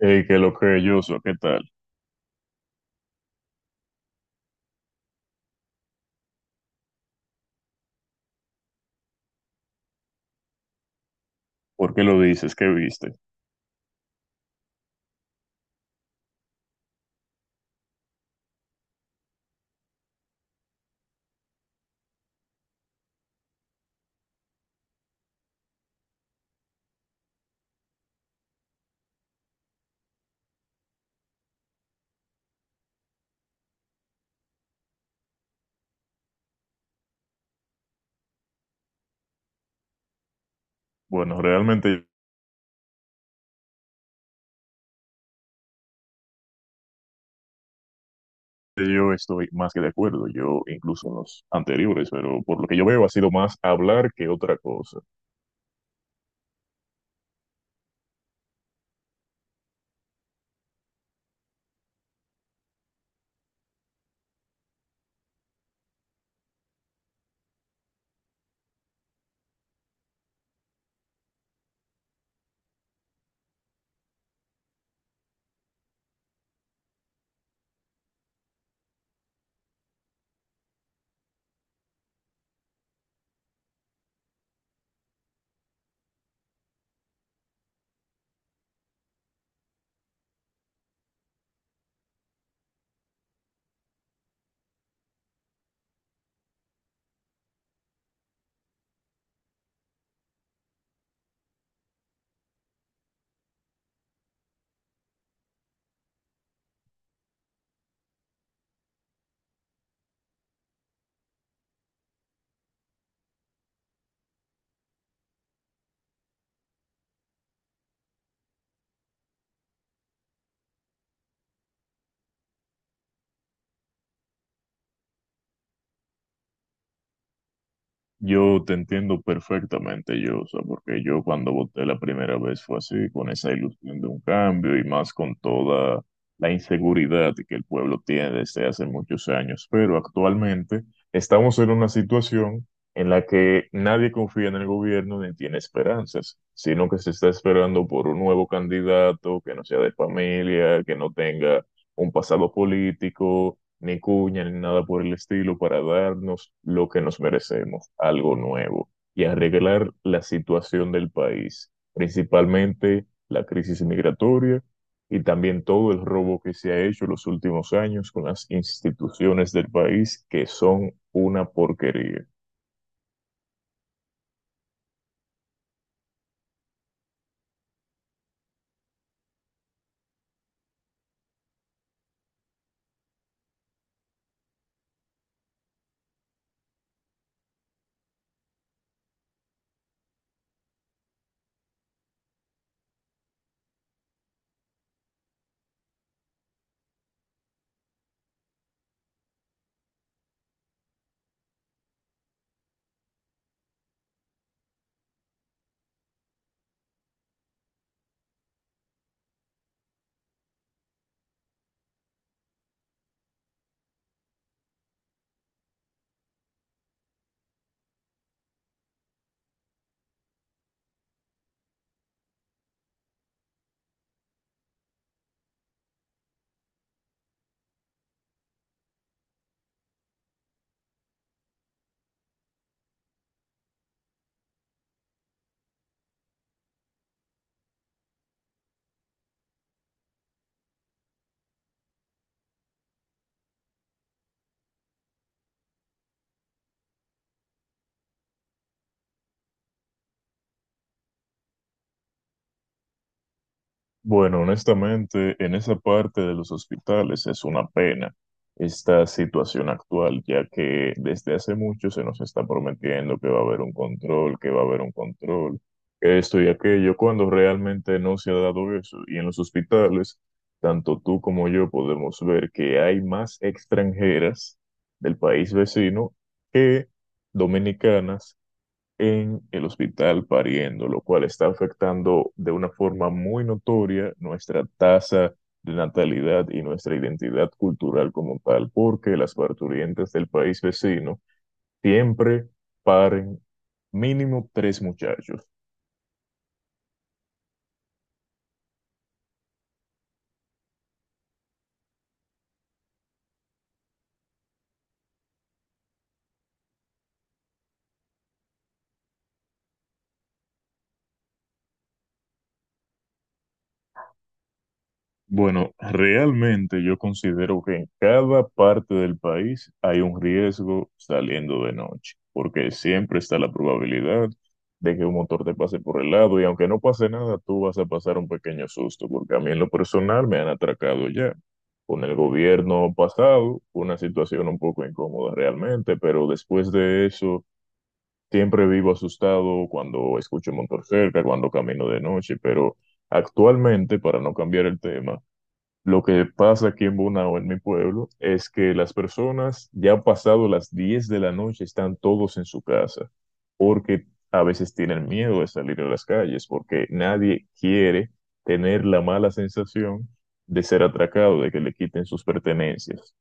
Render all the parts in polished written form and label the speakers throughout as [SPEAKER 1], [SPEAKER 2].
[SPEAKER 1] Que lo que yo soy, ¿qué tal? ¿Por qué lo dices? ¿Qué viste? Bueno, realmente yo estoy más que de acuerdo, yo incluso en los anteriores, pero por lo que yo veo ha sido más hablar que otra cosa. Yo te entiendo perfectamente, yo, o sea, porque yo cuando voté la primera vez fue así, con esa ilusión de un cambio y más con toda la inseguridad que el pueblo tiene desde hace muchos años. Pero actualmente estamos en una situación en la que nadie confía en el gobierno ni tiene esperanzas, sino que se está esperando por un nuevo candidato que no sea de familia, que no tenga un pasado político ni cuña, ni nada por el estilo para darnos lo que nos merecemos, algo nuevo, y arreglar la situación del país, principalmente la crisis migratoria y también todo el robo que se ha hecho en los últimos años con las instituciones del país, que son una porquería. Bueno, honestamente, en esa parte de los hospitales es una pena esta situación actual, ya que desde hace mucho se nos está prometiendo que va a haber un control, que va a haber un control, que esto y aquello, cuando realmente no se ha dado eso. Y en los hospitales, tanto tú como yo podemos ver que hay más extranjeras del país vecino que dominicanas en el hospital pariendo, lo cual está afectando de una forma muy notoria nuestra tasa de natalidad y nuestra identidad cultural como tal, porque las parturientes del país vecino siempre paren mínimo tres muchachos. Bueno, realmente yo considero que en cada parte del país hay un riesgo saliendo de noche, porque siempre está la probabilidad de que un motor te pase por el lado y aunque no pase nada, tú vas a pasar un pequeño susto, porque a mí en lo personal me han atracado ya. Con el gobierno pasado, fue una situación un poco incómoda realmente, pero después de eso, siempre vivo asustado cuando escucho un motor cerca, cuando camino de noche. Actualmente, para no cambiar el tema, lo que pasa aquí en Bonao, en mi pueblo, es que las personas ya pasado las 10 de la noche están todos en su casa, porque a veces tienen miedo de salir a las calles, porque nadie quiere tener la mala sensación de ser atracado, de que le quiten sus pertenencias.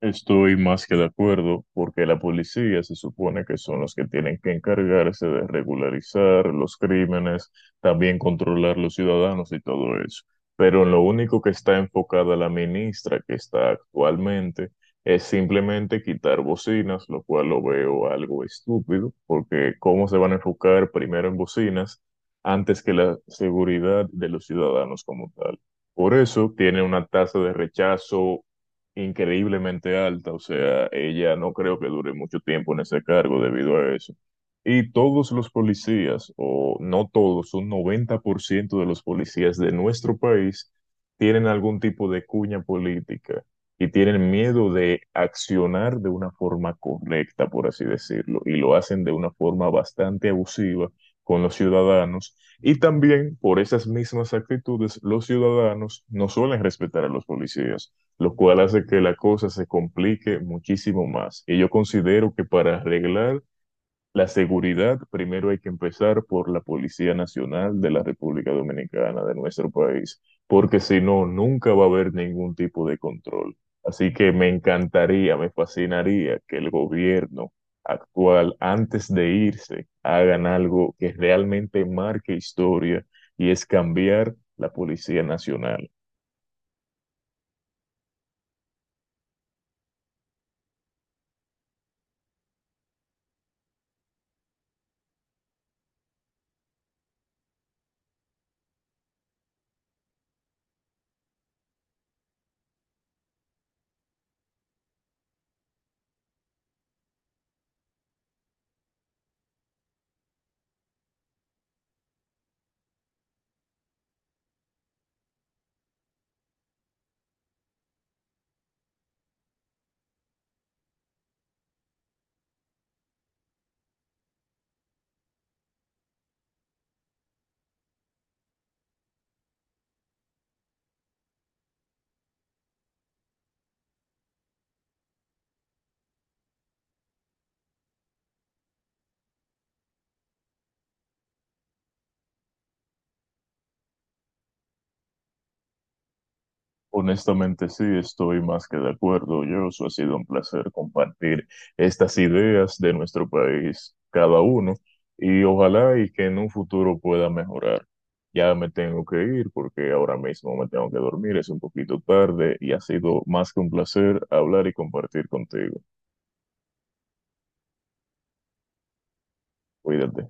[SPEAKER 1] Estoy más que de acuerdo, porque la policía se supone que son los que tienen que encargarse de regularizar los crímenes, también controlar los ciudadanos y todo eso. Pero en lo único que está enfocada la ministra que está actualmente es simplemente quitar bocinas, lo cual lo veo algo estúpido, porque ¿cómo se van a enfocar primero en bocinas antes que la seguridad de los ciudadanos como tal? Por eso tiene una tasa de rechazo increíblemente alta, o sea, ella no creo que dure mucho tiempo en ese cargo debido a eso. Y todos los policías, o no todos, un 90% de los policías de nuestro país tienen algún tipo de cuña política y tienen miedo de accionar de una forma correcta, por así decirlo, y lo hacen de una forma bastante abusiva con los ciudadanos. Y también por esas mismas actitudes, los ciudadanos no suelen respetar a los policías lo cual hace que la cosa se complique muchísimo más. Y yo considero que para arreglar la seguridad, primero hay que empezar por la Policía Nacional de la República Dominicana, de nuestro país, porque si no, nunca va a haber ningún tipo de control. Así que me encantaría, me fascinaría que el gobierno actual, antes de irse, hagan algo que realmente marque historia y es cambiar la Policía Nacional. Honestamente, sí, estoy más que de acuerdo. Yo, ha sido un placer compartir estas ideas de nuestro país, cada uno, y ojalá y que en un futuro pueda mejorar. Ya me tengo que ir porque ahora mismo me tengo que dormir, es un poquito tarde y ha sido más que un placer hablar y compartir contigo. Cuídate.